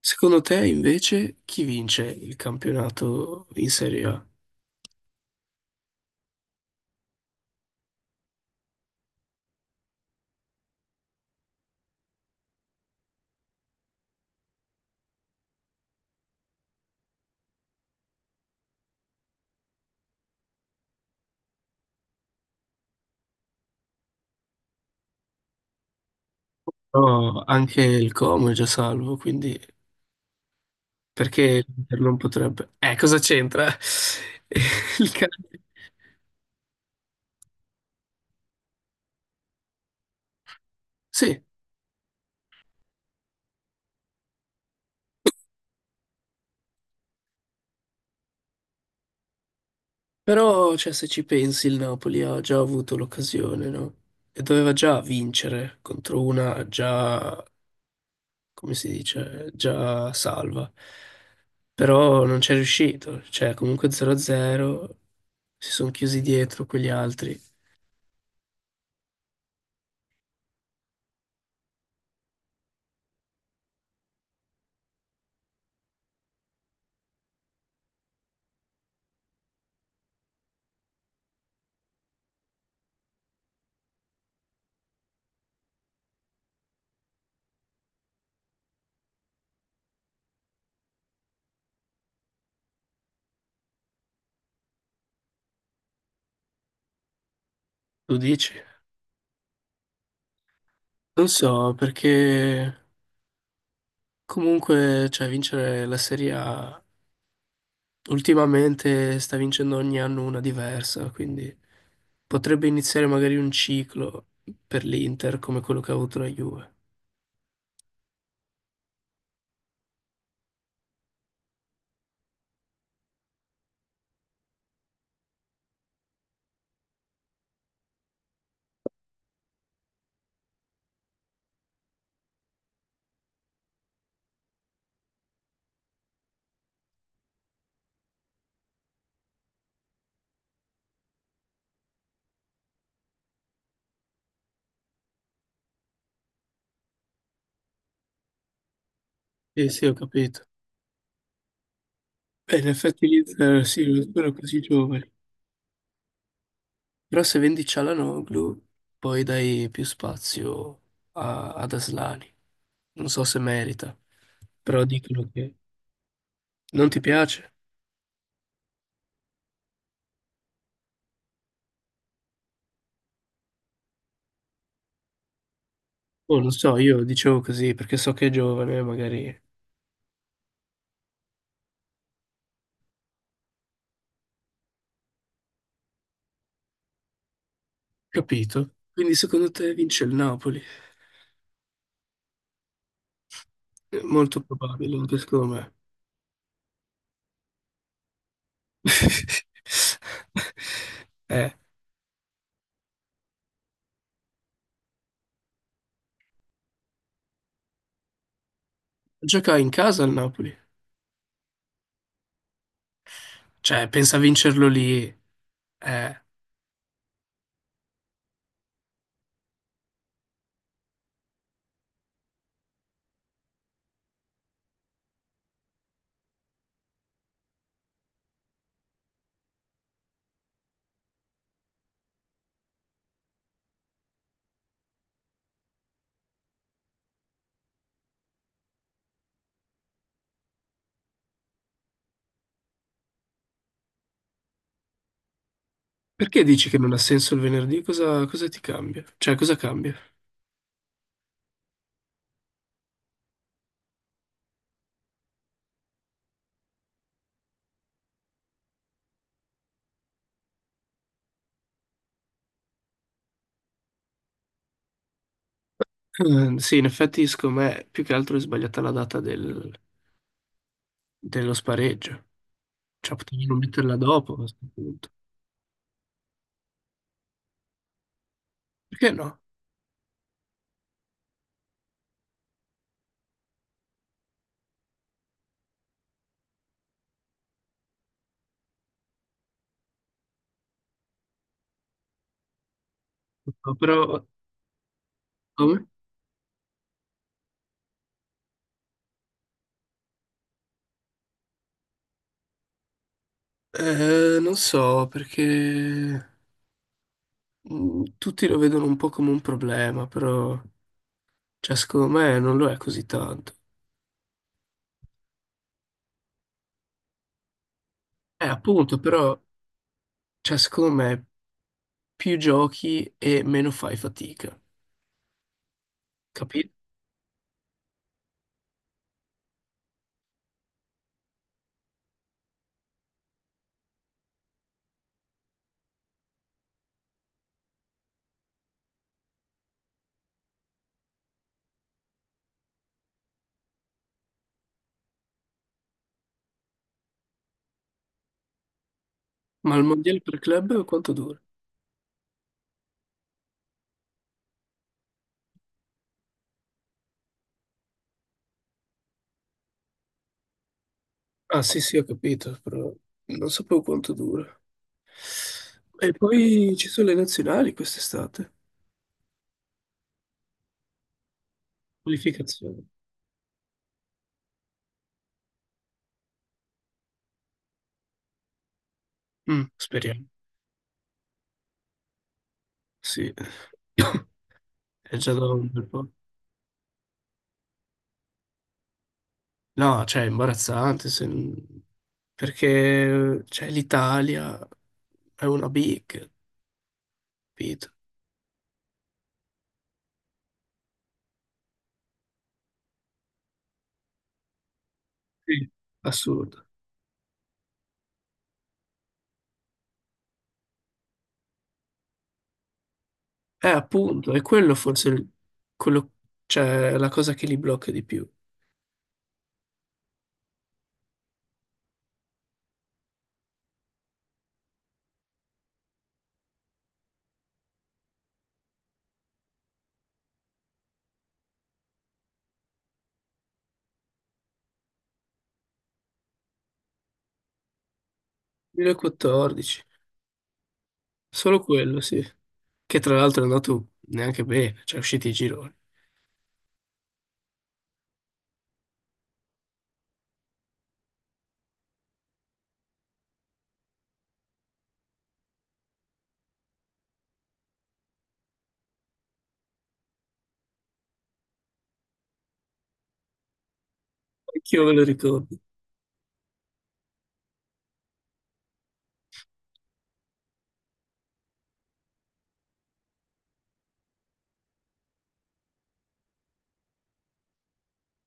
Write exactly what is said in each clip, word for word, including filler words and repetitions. Secondo te, invece, chi vince il campionato in Serie A? No, anche il Como è già salvo, quindi perché l'Inter non potrebbe? Eh, cosa c'entra? Il Ca- Sì, però cioè, se ci pensi il Napoli ha già avuto l'occasione, no? E doveva già vincere contro una già, come si dice, già salva. Però non c'è riuscito, cioè comunque zero a zero, si sono chiusi dietro quegli altri. Tu dici? Non so, perché comunque, cioè, vincere la Serie A ultimamente sta vincendo ogni anno una diversa, quindi potrebbe iniziare magari un ciclo per l'Inter come quello che ha avuto la Juve. Sì, sì, ho capito. E in effetti l'Inter, sì, lo spero così giovane. Però se vendi Cialanoglu, poi dai più spazio a- ad Aslani. Non so se merita, però dicono che non ti piace. Oh, non so, io dicevo così perché so che è giovane, magari. Capito? Quindi secondo te vince il Napoli? È molto probabile, anche secondo me. Eh, gioca in casa il Napoli. Cioè, pensa a vincerlo lì. Eh, perché dici che non ha senso il venerdì? Cosa, cosa ti cambia? Cioè, cosa cambia? Eh, sì, in effetti, secondo me, più che altro è sbagliata la data del- dello spareggio. Cioè, potevano metterla dopo a questo punto. Perché no? No, però, come? Eh, non so, perché mm, tutti lo vedono un po' come un problema, però, cioè, secondo me non lo è così tanto. Eh, appunto, però, cioè, secondo me, più giochi e meno fai fatica, capito? Ma il mondiale per club quanto dura? Ah, sì, sì, ho capito, però non sapevo quanto dura. E poi ci sono le nazionali quest'estate. Qualificazione. Mm, speriamo. Sì, è già da un bel po'. No, cioè, è imbarazzante se non- perché cioè, l'Italia è una big, capito? Sì. Assurdo. Eh, appunto, è quello forse il- quello, cioè, la cosa che li blocca di più. duemilaquattordici, solo quello, sì. Che tra l'altro è andato neanche bene, cioè, è uscito i gironi. Anch'io me lo ricordo.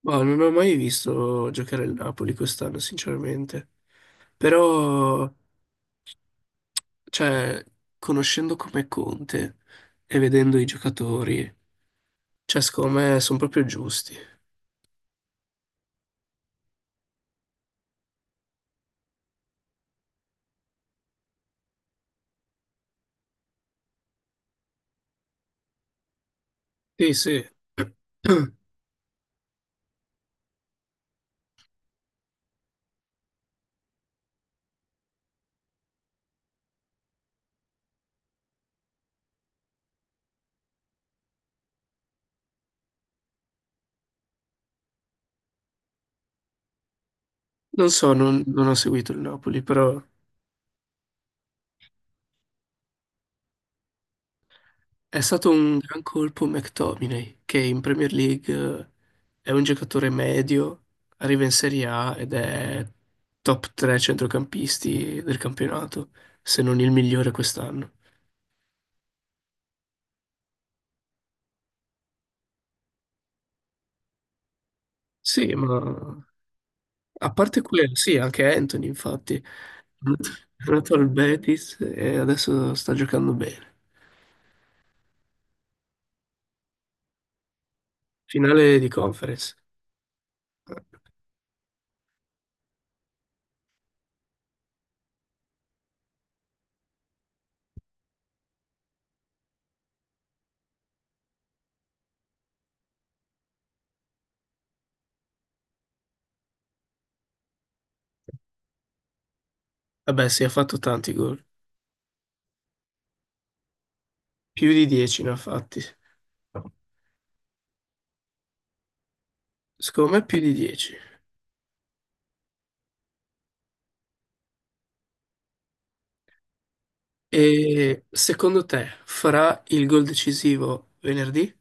Ma non ho mai visto giocare il Napoli quest'anno, sinceramente. Però, cioè, conoscendo come Conte e vedendo i giocatori, cioè, secondo me sono proprio giusti. Sì, sì. Non so, non, non ho seguito il Napoli, però. È stato un gran colpo McTominay, che in Premier League eh, è un giocatore medio, arriva in Serie A ed è top tre centrocampisti del campionato, se non il migliore quest'anno. Sì, ma a parte quello, sì, anche Anthony, infatti, è andato al Betis e adesso sta giocando bene. Finale di conference. Vabbè, sì, ha fatto tanti gol, più di dieci ne ha fatti. Secondo me più di dieci. E secondo te farà il gol decisivo venerdì?